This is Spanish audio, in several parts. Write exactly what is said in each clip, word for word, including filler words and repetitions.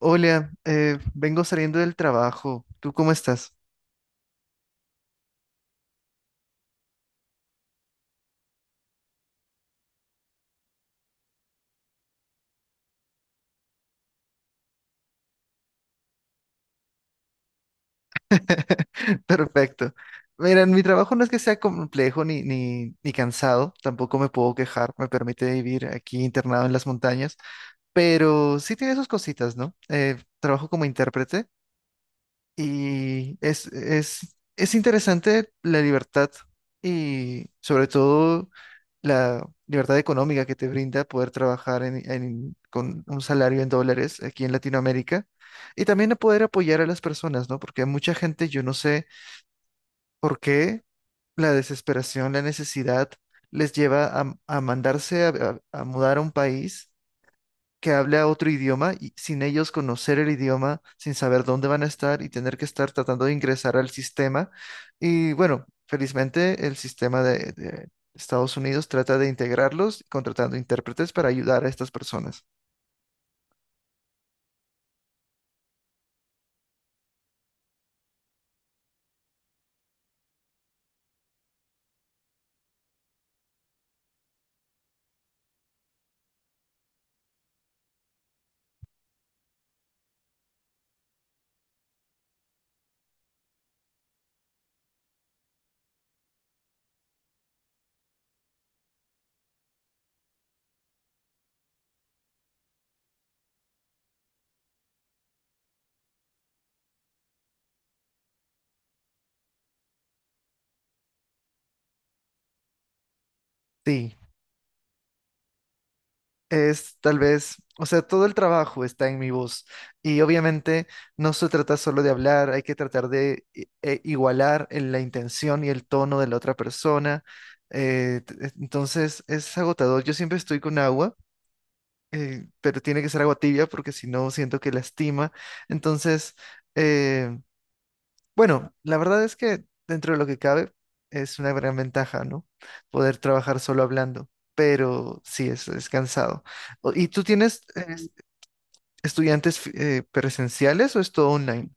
Hola, eh, vengo saliendo del trabajo. ¿Tú cómo estás? Perfecto. Mira, mi trabajo no es que sea complejo ni, ni, ni cansado, tampoco me puedo quejar, me permite vivir aquí internado en las montañas, pero sí tiene sus cositas, ¿no? Eh, trabajo como intérprete y es, es, es interesante la libertad, y sobre todo la libertad económica que te brinda poder trabajar en- en- con un salario en dólares aquí en Latinoamérica, y también a poder apoyar a las personas, ¿no? Porque a mucha gente yo no sé por qué la desesperación, la necesidad les lleva a, a mandarse a, a- a mudar a un país que hable a otro idioma y sin ellos conocer el idioma, sin saber dónde van a estar y tener que estar tratando de ingresar al sistema. Y bueno, felizmente el sistema de, de Estados Unidos trata de integrarlos contratando intérpretes para ayudar a estas personas. Sí. Es tal vez, o sea, todo el trabajo está en mi voz y obviamente no se trata solo de hablar, hay que tratar de i- eh, igualar en la intención y el tono de la otra persona. Eh, t- eh, entonces es agotador. Yo siempre estoy con agua, eh, pero tiene que ser agua tibia porque si no siento que lastima. Entonces, eh, bueno, la verdad es que dentro de lo que cabe es una gran ventaja, ¿no? Poder trabajar solo hablando, pero sí, es, es cansado. O- ¿Y tú tienes eh, estudiantes eh, presenciales o es todo online?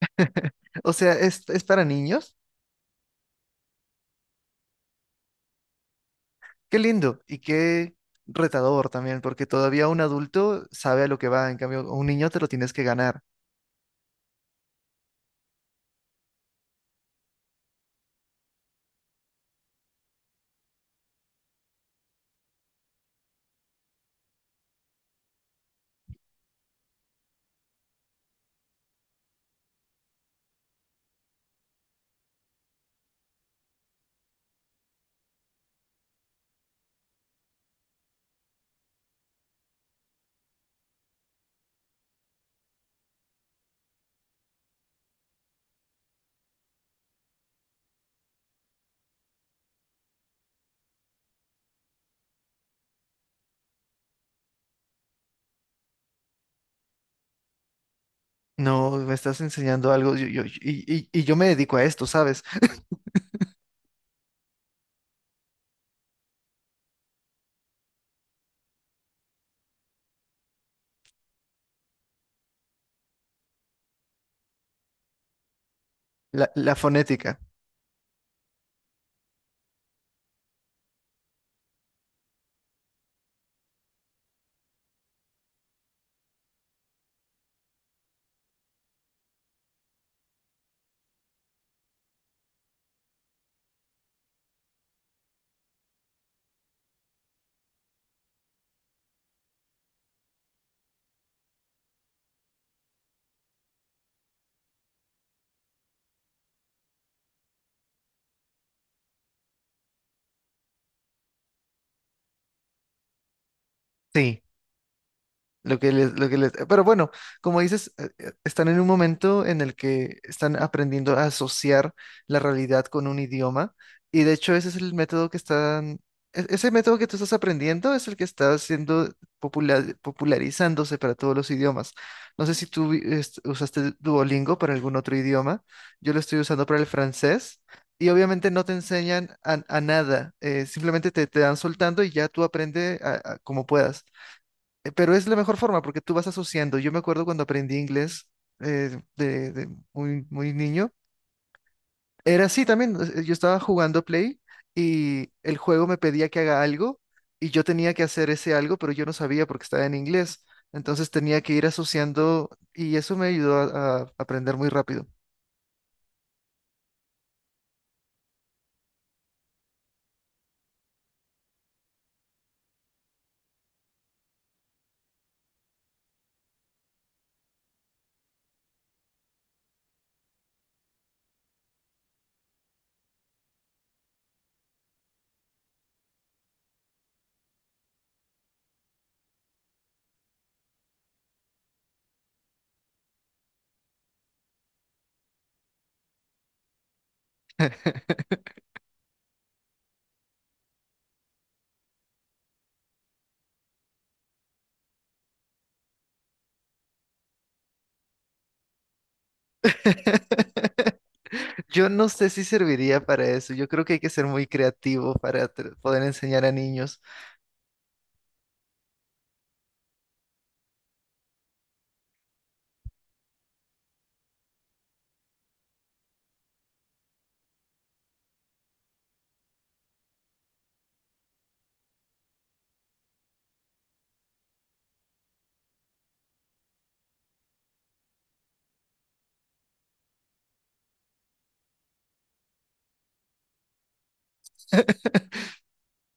O sea, ¿es, es para niños? Qué lindo y qué retador también, porque todavía un adulto sabe a lo que va, en cambio, a un niño te lo tienes que ganar. No, me estás enseñando algo, yo- yo- y, y- y yo me dedico a esto, ¿sabes? La, la fonética. Sí. Lo que les, lo que les, pero bueno, como dices, eh, eh, están en un momento en el que están aprendiendo a asociar la realidad con un idioma, y de hecho ese es el método que están, e- ese método que tú estás aprendiendo es el que está siendo popular, popularizándose para todos los idiomas. No sé si tú vi- est- usaste Duolingo para algún otro idioma, yo lo estoy usando para el francés. Y obviamente no te enseñan a, a nada, eh, simplemente te, te dan soltando y ya tú aprende a- a- como puedas. Eh, Pero es la mejor forma porque tú vas asociando. Yo me acuerdo cuando aprendí inglés, eh, de, de muy, muy niño. Era así también. O sea, yo estaba jugando Play y el juego me pedía que haga algo y yo tenía que hacer ese algo, pero yo no sabía porque estaba en inglés. Entonces tenía que ir asociando y eso me ayudó a, a aprender muy rápido. Yo no sé si serviría para eso. Yo creo que hay que ser muy creativo para tr- poder enseñar a niños.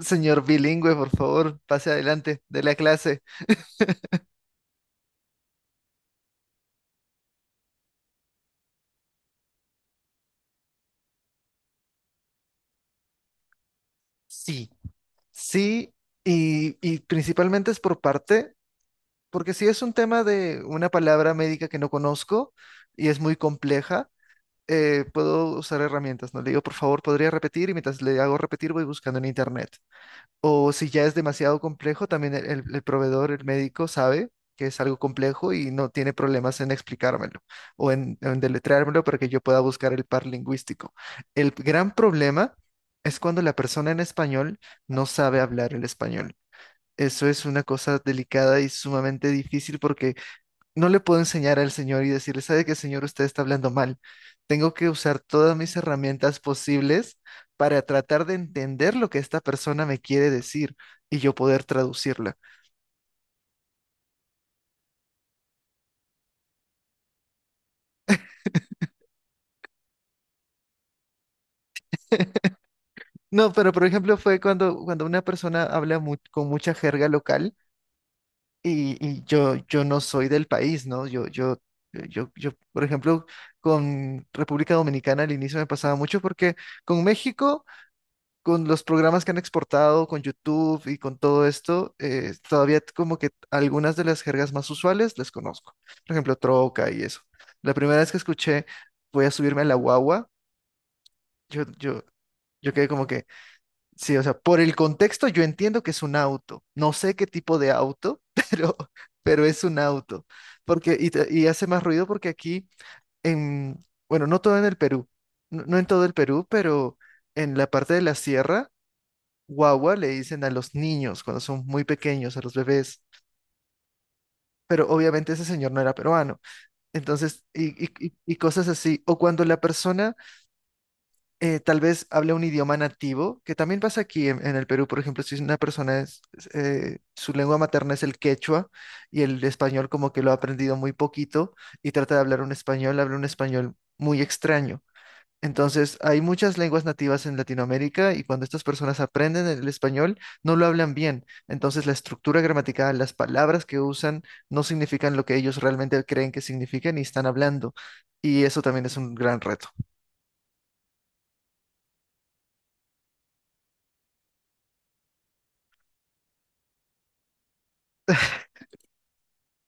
Señor bilingüe, por favor, pase adelante de la clase. Sí, sí, y, y principalmente es por parte, porque si es un tema de una palabra médica que no conozco y es muy compleja, eh, puedo usar herramientas, ¿no? Le digo, por favor, ¿podría repetir? Y mientras le hago repetir, voy buscando en internet. O si ya es demasiado complejo, también el, el- el proveedor, el médico, sabe que es algo complejo y no tiene problemas en explicármelo o en, en deletreármelo para que yo pueda buscar el par lingüístico. El gran problema es cuando la persona en español no sabe hablar el español. Eso es una cosa delicada y sumamente difícil porque no le puedo enseñar al señor y decirle, ¿sabe qué, señor? Usted está hablando mal. Tengo que usar todas mis herramientas posibles para tratar de entender lo que esta persona me quiere decir y yo poder traducirla. No, pero por ejemplo fue cuando, cuando una persona habla mu- con mucha jerga local y, y yo, yo no soy del país, ¿no? Yo, yo, yo, yo, por ejemplo, con República Dominicana al inicio me pasaba mucho porque con México... con los programas que han exportado, con YouTube y con todo esto, eh, todavía como que algunas de las jergas más usuales las conozco. Por ejemplo, troca y eso. La primera vez que escuché, voy a subirme a la guagua, yo, yo, yo quedé como que, sí, o sea, por el contexto yo entiendo que es un auto. No sé qué tipo de auto, pero, pero es un auto. Porque, y, te- y hace más ruido porque aquí, en, bueno, no todo en el Perú, no no en todo el Perú, pero en la parte de la sierra, guagua le dicen a los niños cuando son muy pequeños, a los bebés. Pero obviamente ese señor no era peruano. Entonces, y, y- y- y cosas así. O cuando la persona eh, tal vez habla un idioma nativo, que también pasa aquí en, en el Perú, por ejemplo, si una persona es, es, eh, su lengua materna es el quechua y el español como que lo ha aprendido muy poquito y trata de hablar un español, habla un español muy extraño. Entonces, hay muchas lenguas nativas en Latinoamérica y cuando estas personas aprenden el español, no lo hablan bien. Entonces, la estructura gramatical, las palabras que usan, no significan lo que ellos realmente creen que significan y están hablando. Y eso también es un gran reto.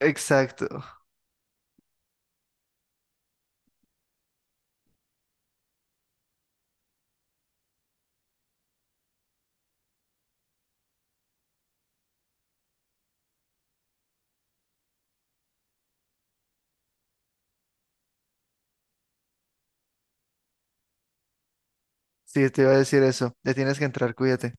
Exacto. Sí, te iba a decir eso. Le tienes que entrar, cuídate.